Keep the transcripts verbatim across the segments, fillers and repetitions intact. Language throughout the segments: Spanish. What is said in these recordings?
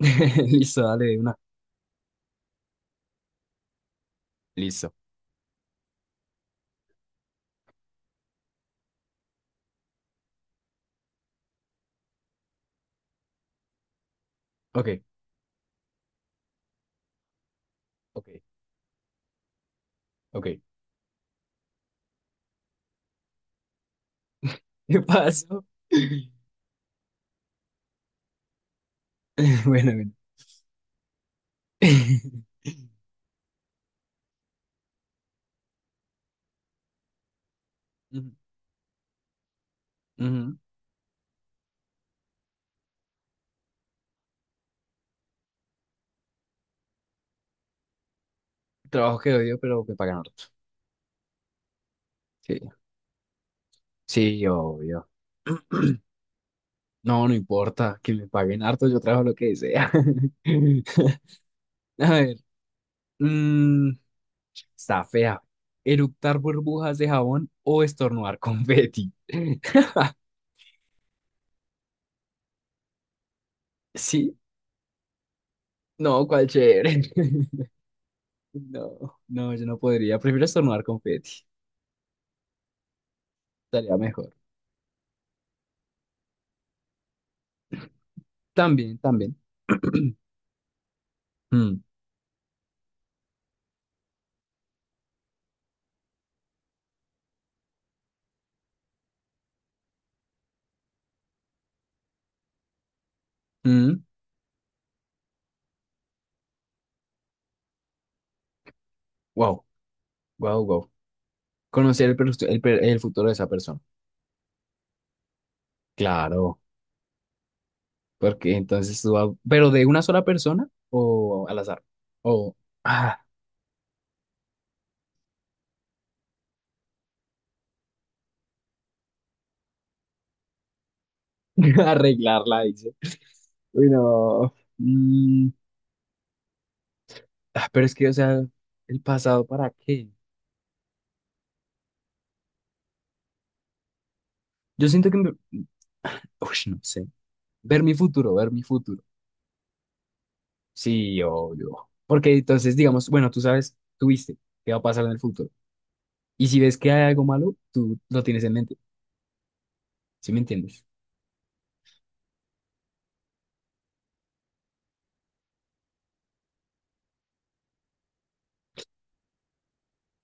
Listo, dale de una. Listo. Ok, ok, ok. ¿Qué pasó? Bueno, bueno. Ujú, ujú. Trabajo que odio, pero que pagan harto. Sí, sí, obvio. No, no importa que me paguen harto, yo trabajo lo que sea. A ver, mm, está fea. ¿Eructar burbujas de jabón o estornudar confeti? Sí, no, cuál chévere. No, no, yo no podría. Prefiero estornudar confeti. Estaría mejor. También, también. Mm, mm, wow, wow, wow. Conocer el, perso- el, per- el futuro de esa persona. Claro, porque entonces tú vas- pero de una sola persona o al azar. O ah, arreglarla, dice. Uy, no. Mm, ah, pero es que, o sea, el pasado, ¿para qué? Yo siento que, me- uy, no sé. Ver mi futuro, ver mi futuro. Sí, obvio. Porque entonces, digamos, bueno, tú sabes, tú viste qué va a pasar en el futuro. Y si ves que hay algo malo, tú lo tienes en mente. ¿Sí me entiendes?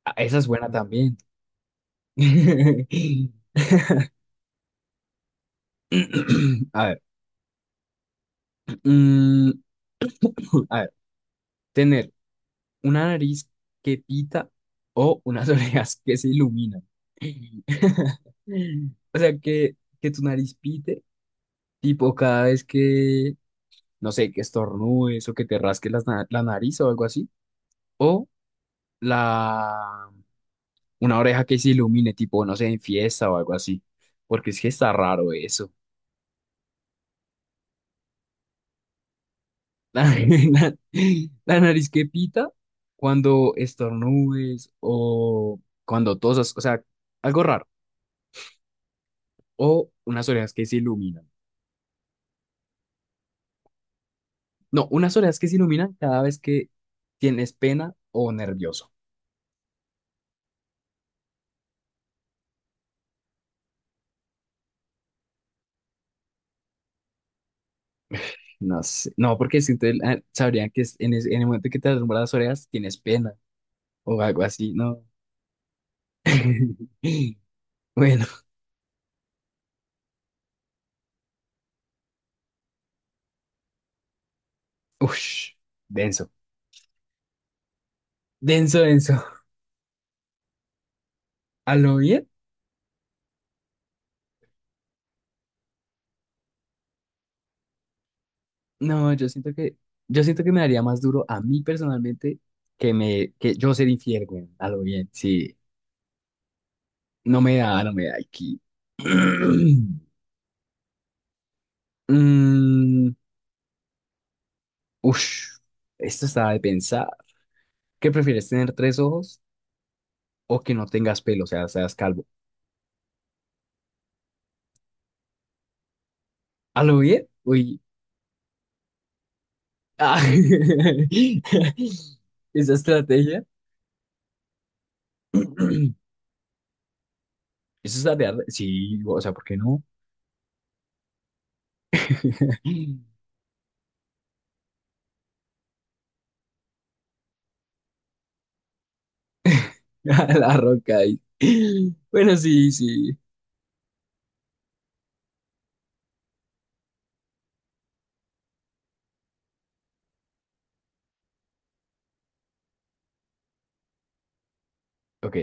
Ah, esa es buena también. A ver. mm, a ver. Tener una nariz que pita o unas orejas que se iluminan. O sea, que, que tu nariz pite, tipo cada vez que, no sé, que estornudes o que te rasques las na- la, nariz o algo así. O la, una oreja que se ilumine, tipo, no sé, en fiesta o algo así. Porque es que está raro eso. La, la- la nariz que pita cuando estornudes o cuando tosas, o sea, algo raro. O unas orejas que se iluminan. No, unas orejas que se iluminan cada vez que tienes pena o nervioso. No sé, no, porque si ustedes ah, sabrían que es- en, ese- en el momento que te alumbran las orejas tienes pena o algo así, ¿no? Bueno, uff, denso, denso, denso. ¿A lo bien? No, yo siento que, yo siento que me daría más duro a mí personalmente que me, que yo ser infiel, güey, a lo bien, sí. No me da, no me da aquí. Mm, ush, esto está de pensar. ¿Qué prefieres, tener tres ojos o que no tengas pelo, o sea, seas calvo? ¿A lo bien? Uy, ah, esa estrategia. Eso está de, arde- sí, o sea, ¿por qué no? A la roca ahí. Bueno, sí, sí. Ok,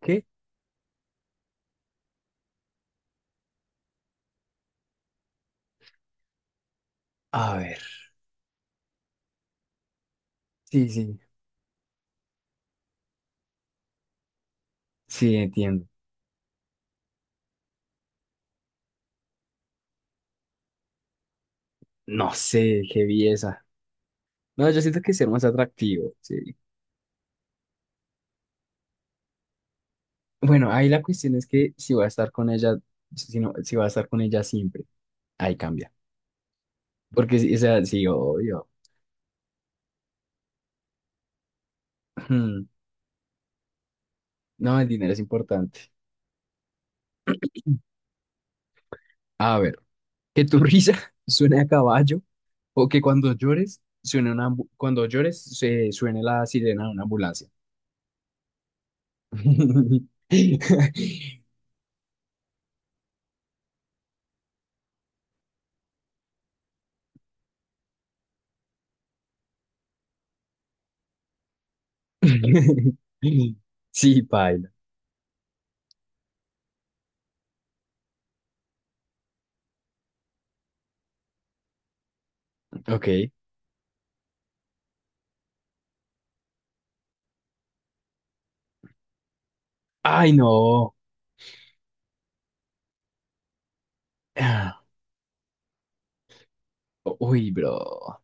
¿qué? A ver, sí, sí, sí, entiendo. No sé, qué belleza. No, yo siento que ser más atractivo, sí. Bueno, ahí la cuestión es que si va a estar con ella, si no, si va a estar con ella siempre, ahí cambia. Porque, sí, o sea, sí, obvio. Hmm, no, el dinero es importante. A ver, que tu risa suene a caballo o que cuando llores suene una ambu- cuando llores se suene la sirena de una ambulancia. Sí, paila. Ok. Ay, no. Ah, uy, bro.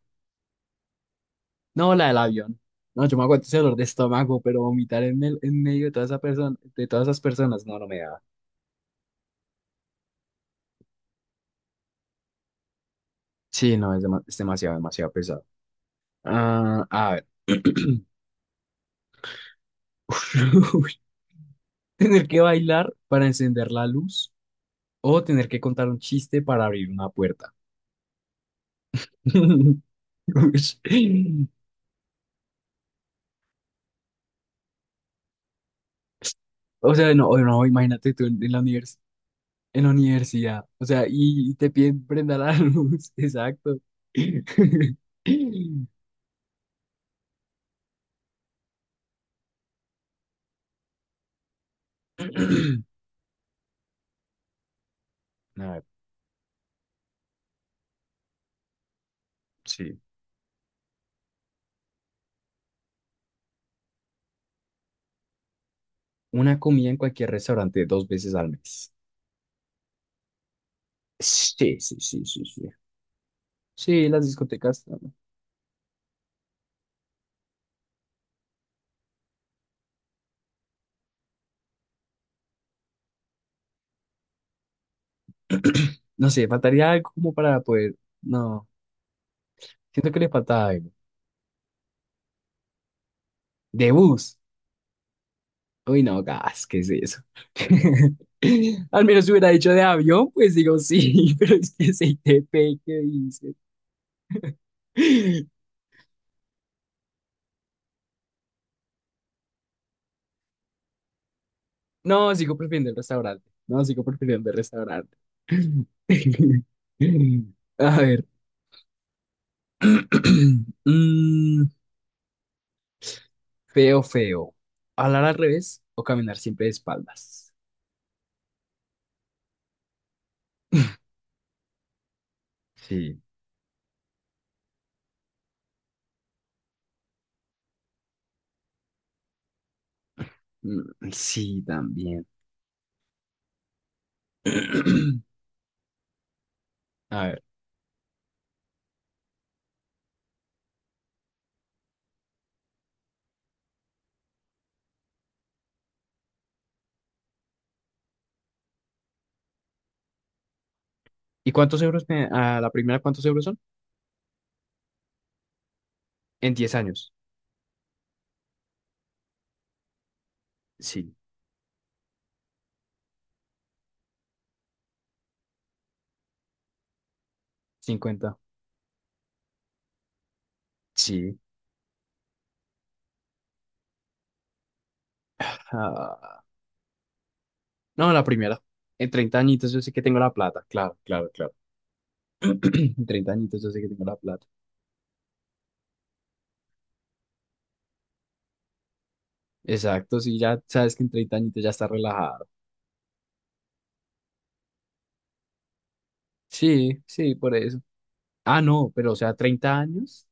No, la del avión. No, yo me aguanto ese dolor de estómago, pero vomitar en, el- en medio de toda esa persona, de todas esas personas, no, no me da. Sí, no, es, dema- es demasiado, demasiado pesado. Ah, a ver. Uy, tener que bailar para encender la luz o tener que contar un chiste para abrir una puerta. Uy. O sea, no, no, imagínate tú en, en la universidad. En la universidad. O sea, y te piden prenda la luz. Exacto. A ver, sí. Una comida en cualquier restaurante dos veces al mes. Sí, sí, sí, sí, sí. Sí, las discotecas. No, no. No sé, faltaría algo como para poder. No, siento que le falta algo. De bus. Uy, no, gas, ¿qué es eso? Al menos si hubiera dicho de avión, pues digo sí, pero es que se te que dice. No, sigo prefiriendo el restaurante. No, sigo prefiriendo el restaurante. A ver. Mm, feo, feo. ¿Hablar al revés o caminar siempre de espaldas? Sí. Mm, sí, también. A ver. ¿Y cuántos euros me- a la primera cuántos euros son? En diez años. Sí. Cincuenta. Sí. Ah, no, la primera. En treinta añitos yo sé que tengo la plata. Claro, claro, claro. En treinta añitos yo sé que tengo la plata. Exacto, sí, ya sabes que en treinta añitos ya está relajado. Sí, sí, por eso. Ah, no, pero o sea, treinta años,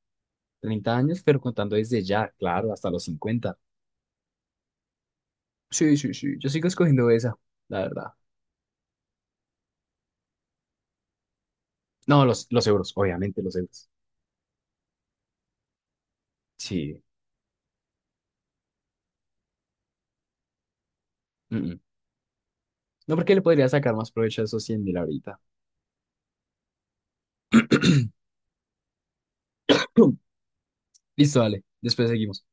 treinta años, pero contando desde ya, claro, hasta los cincuenta. Sí, sí, sí, yo sigo escogiendo esa, la verdad. No, los, los euros, obviamente los euros. Sí. Mm, mm. No, porque le podría sacar más provecho a esos cien mil ahorita. Listo, dale, después seguimos.